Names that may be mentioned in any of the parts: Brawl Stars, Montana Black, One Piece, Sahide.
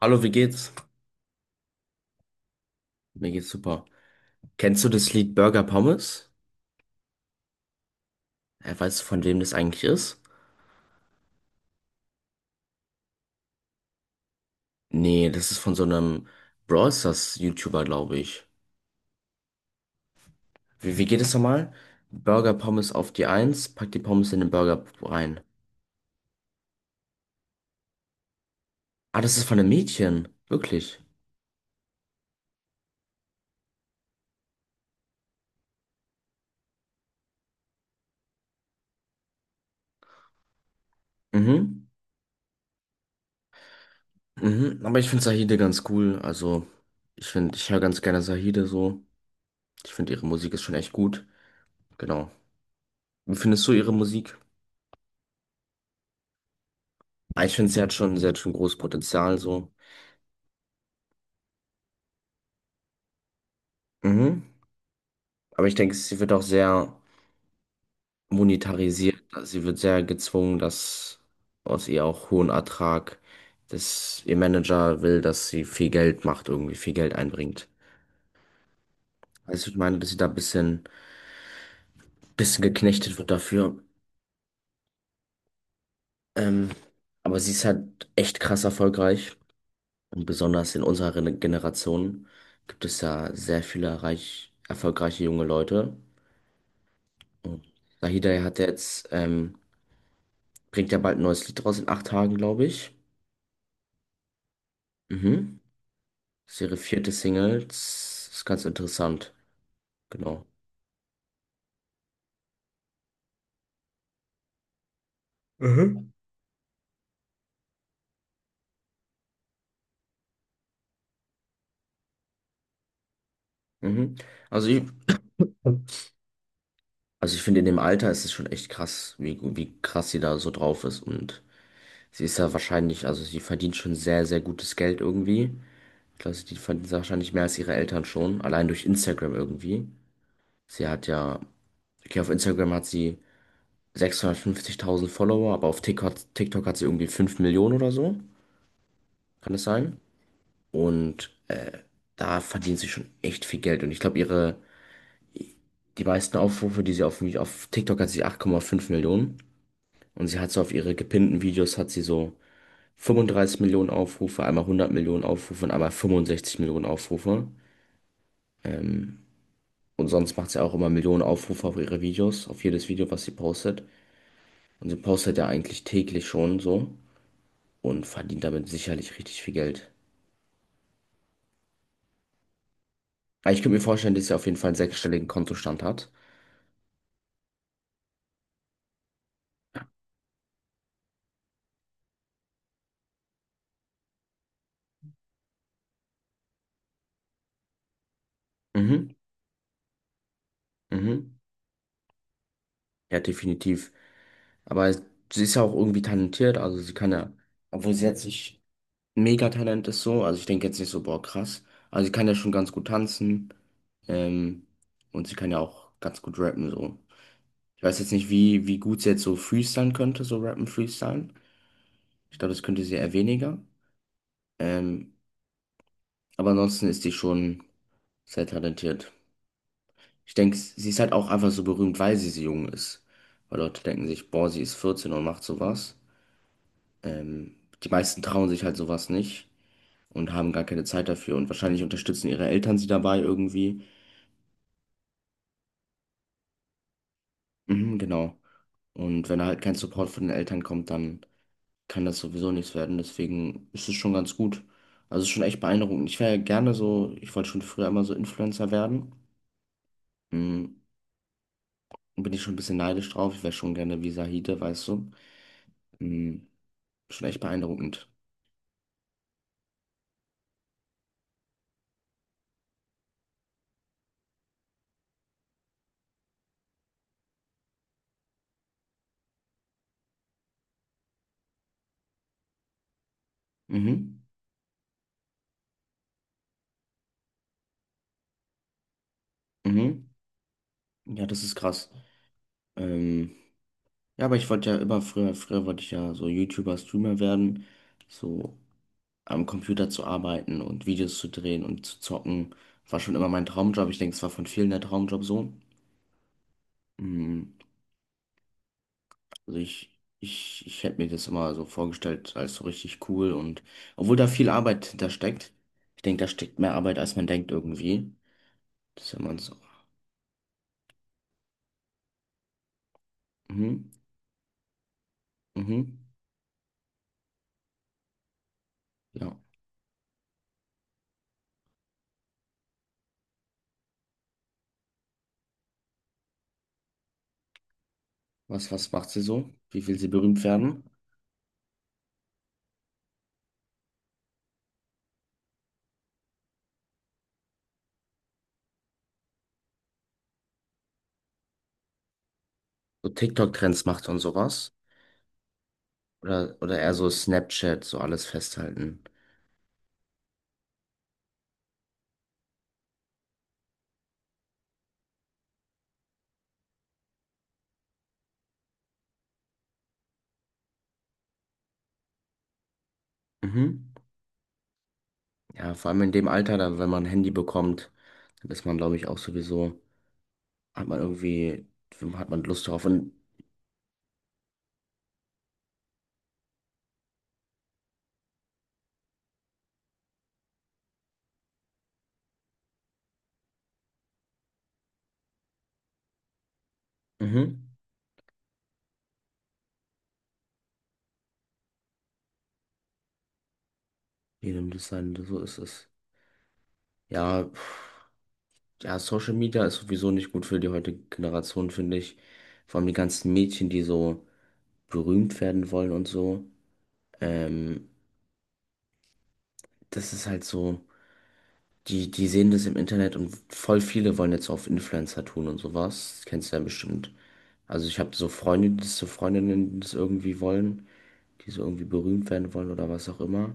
Hallo, wie geht's? Mir geht's super. Kennst du das Lied Burger Pommes? Weißt du, von wem das eigentlich ist? Nee, das ist von so einem Brawl Stars YouTuber, glaube ich. Wie geht es nochmal? Burger Pommes auf die Eins, pack die Pommes in den Burger rein. Ah, das ist von einem Mädchen. Wirklich. Mhm. Mhm. Aber ich finde Sahide ganz cool. Also, ich finde, ich höre ganz gerne Sahide so. Ich finde, ihre Musik ist schon echt gut. Genau. Wie findest du ihre Musik? Ah, ich finde, sie hat schon großes Potenzial so. Mhm. Aber ich denke, sie wird auch sehr monetarisiert. Sie wird sehr gezwungen, dass aus ihr auch hohen Ertrag, dass ihr Manager will, dass sie viel Geld macht, irgendwie viel Geld einbringt. Also ich meine, dass sie da ein bisschen geknechtet wird dafür. Ähm, aber sie ist halt echt krass erfolgreich. Und besonders in unserer Generation gibt es ja sehr viele reich, erfolgreiche junge Leute. Und Sahida hat ja jetzt, bringt ja bald ein neues Lied raus in 8 Tagen, glaube ich. Mhm. Das ist ihre vierte Single. Das ist ganz interessant. Genau. Mhm. Mhm. Also ich, also ich finde, in dem Alter ist es schon echt krass, wie krass sie da so drauf ist. Und sie ist ja wahrscheinlich, also sie verdient schon sehr, sehr gutes Geld irgendwie. Ich glaube, sie verdient wahrscheinlich mehr als ihre Eltern schon, allein durch Instagram irgendwie. Sie hat ja, okay, auf Instagram hat sie 650.000 Follower, aber auf TikTok hat sie irgendwie 5 Millionen oder so. Kann es sein? Und da verdient sie schon echt viel Geld. Und ich glaube, ihre die meisten Aufrufe, die sie auf TikTok hat sie 8,5 Millionen. Und sie hat so auf ihre gepinnten Videos hat sie so 35 Millionen Aufrufe, einmal 100 Millionen Aufrufe und einmal 65 Millionen Aufrufe. Und sonst macht sie auch immer Millionen Aufrufe auf ihre Videos, auf jedes Video, was sie postet. Und sie postet ja eigentlich täglich schon so und verdient damit sicherlich richtig viel Geld. Aber ich könnte mir vorstellen, dass sie auf jeden Fall einen sechsstelligen Kontostand hat. Mhm, mhm. Ja, definitiv. Aber sie ist ja auch irgendwie talentiert, also sie kann ja, obwohl sie jetzt nicht Megatalent ist so. Also ich denke jetzt nicht so, boah, krass. Also sie kann ja schon ganz gut tanzen. Ähm, und sie kann ja auch ganz gut rappen, so. Ich weiß jetzt nicht, wie gut sie jetzt so freestylen könnte, so rappen, freestylen. Ich glaube, das könnte sie eher weniger. Ähm, aber ansonsten ist die schon sehr talentiert. Ich denke, sie ist halt auch einfach so berühmt, weil sie so jung ist. Weil Leute denken sich, boah, sie ist 14 und macht sowas. Ähm, die meisten trauen sich halt sowas nicht. Und haben gar keine Zeit dafür und wahrscheinlich unterstützen ihre Eltern sie dabei irgendwie. Mhm, genau. Und wenn da halt kein Support von den Eltern kommt, dann kann das sowieso nichts werden. Deswegen ist es schon ganz gut. Also es ist schon echt beeindruckend. Ich wäre gerne so, ich wollte schon früher immer so Influencer werden. Mhm. Bin ich schon ein bisschen neidisch drauf. Ich wäre schon gerne wie Sahide, weißt du. Mhm. Schon echt beeindruckend. Mhm. Mhm. Ja, das ist krass. Ähm, ja, aber ich wollte ja immer früher wollte ich ja so YouTuber, Streamer werden. So am Computer zu arbeiten und Videos zu drehen und zu zocken, war schon immer mein Traumjob. Ich denke, es war von vielen der Traumjob so. Mm, Also ich hätte mir das immer so vorgestellt als so richtig cool und obwohl da viel Arbeit hintersteckt, ich denke, da steckt mehr Arbeit, als man denkt irgendwie. Das ist immer so. Mhm, mhm, ja. Was macht sie so? Wie will sie berühmt werden? So TikTok-Trends macht und sowas? Oder eher so Snapchat, so alles festhalten. Mhm. Ja, vor allem in dem Alter, dann, wenn man ein Handy bekommt, dann ist man, glaube ich, auch sowieso, hat man irgendwie, hat man Lust drauf und mhm, jedem das sein, so ist es. Ja, pf, ja, Social Media ist sowieso nicht gut für die heutige Generation, finde ich. Vor allem die ganzen Mädchen, die so berühmt werden wollen und so. Ähm, das ist halt so, die sehen das im Internet und voll viele wollen jetzt auf Influencer tun und sowas. Das kennst du ja bestimmt. Also ich habe so Freunde, die das so Freundinnen, die das irgendwie wollen. Die so irgendwie berühmt werden wollen oder was auch immer.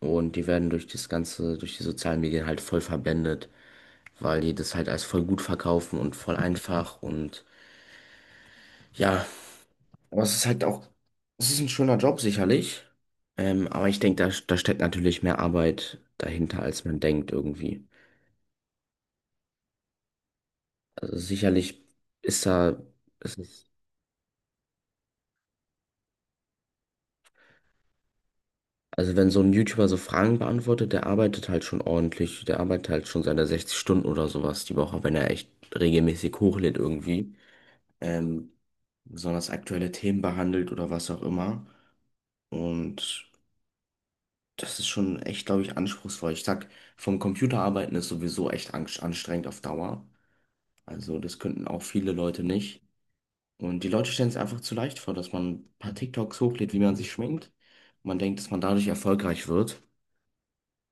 Und die werden durch das Ganze, durch die sozialen Medien halt voll verblendet, weil die das halt als voll gut verkaufen und voll einfach und ja, aber es ist halt auch, es ist ein schöner Job sicherlich. Aber ich denke, da steckt natürlich mehr Arbeit dahinter, als man denkt irgendwie. Also sicherlich ist da, es ist, also wenn so ein YouTuber so Fragen beantwortet, der arbeitet halt schon ordentlich, der arbeitet halt schon seine 60 Stunden oder sowas die Woche, wenn er echt regelmäßig hochlädt irgendwie. ähm, besonders aktuelle Themen behandelt oder was auch immer. Und das ist schon echt, glaube ich, anspruchsvoll. Ich sag, vom Computer arbeiten ist sowieso echt anstrengend auf Dauer. Also das könnten auch viele Leute nicht. Und die Leute stellen es einfach zu leicht vor, dass man ein paar TikToks hochlädt, wie man sich schminkt. Man denkt, dass man dadurch erfolgreich wird.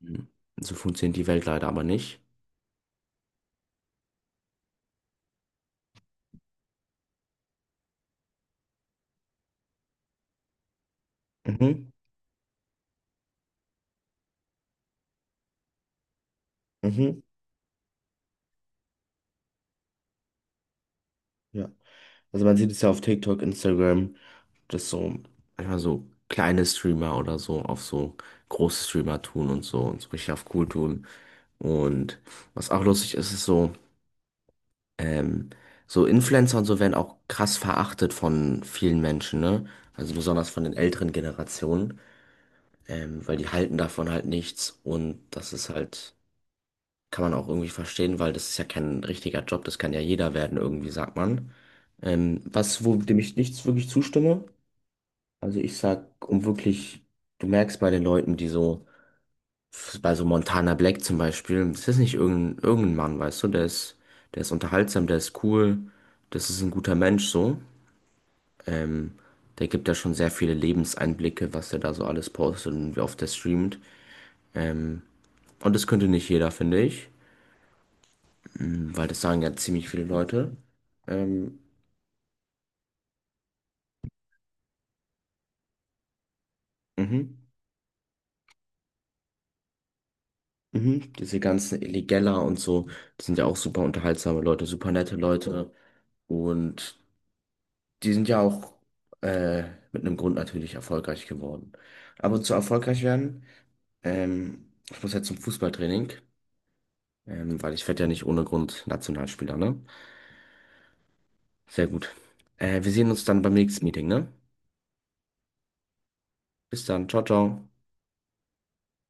Mhm. So funktioniert die Welt leider aber nicht. Mhm, mhm, ja. Also man sieht es ja auf TikTok, Instagram, dass so manchmal so kleine Streamer oder so auf so große Streamer tun und so richtig auf cool tun. Und was auch lustig ist, ist so, ähm, so Influencer und so werden auch krass verachtet von vielen Menschen, ne? Also besonders von den älteren Generationen, weil die halten davon halt nichts und das ist halt, kann man auch irgendwie verstehen, weil das ist ja kein richtiger Job, das kann ja jeder werden irgendwie, sagt man. Wo dem ich nichts wirklich zustimme, also ich sag, um wirklich, du merkst bei den Leuten, die so, bei so Montana Black zum Beispiel, das ist nicht irgendein Mann, weißt du, der ist unterhaltsam, der ist cool, das ist ein guter Mensch so. Ähm, der gibt ja schon sehr viele Lebenseinblicke, was er da so alles postet und wie oft er streamt. Ähm, und das könnte nicht jeder, finde ich, weil das sagen ja ziemlich viele Leute. Ähm, mhm. Mhm. Diese ganzen Illegella und so, das sind ja auch super unterhaltsame Leute, super nette Leute. Und die sind ja auch äh, mit einem Grund natürlich erfolgreich geworden. Aber zu erfolgreich werden. Ich muss jetzt zum Fußballtraining, weil ich werde ja nicht ohne Grund Nationalspieler, ne? Sehr gut. Wir sehen uns dann beim nächsten Meeting, ne? Bis dann. Ciao, ciao.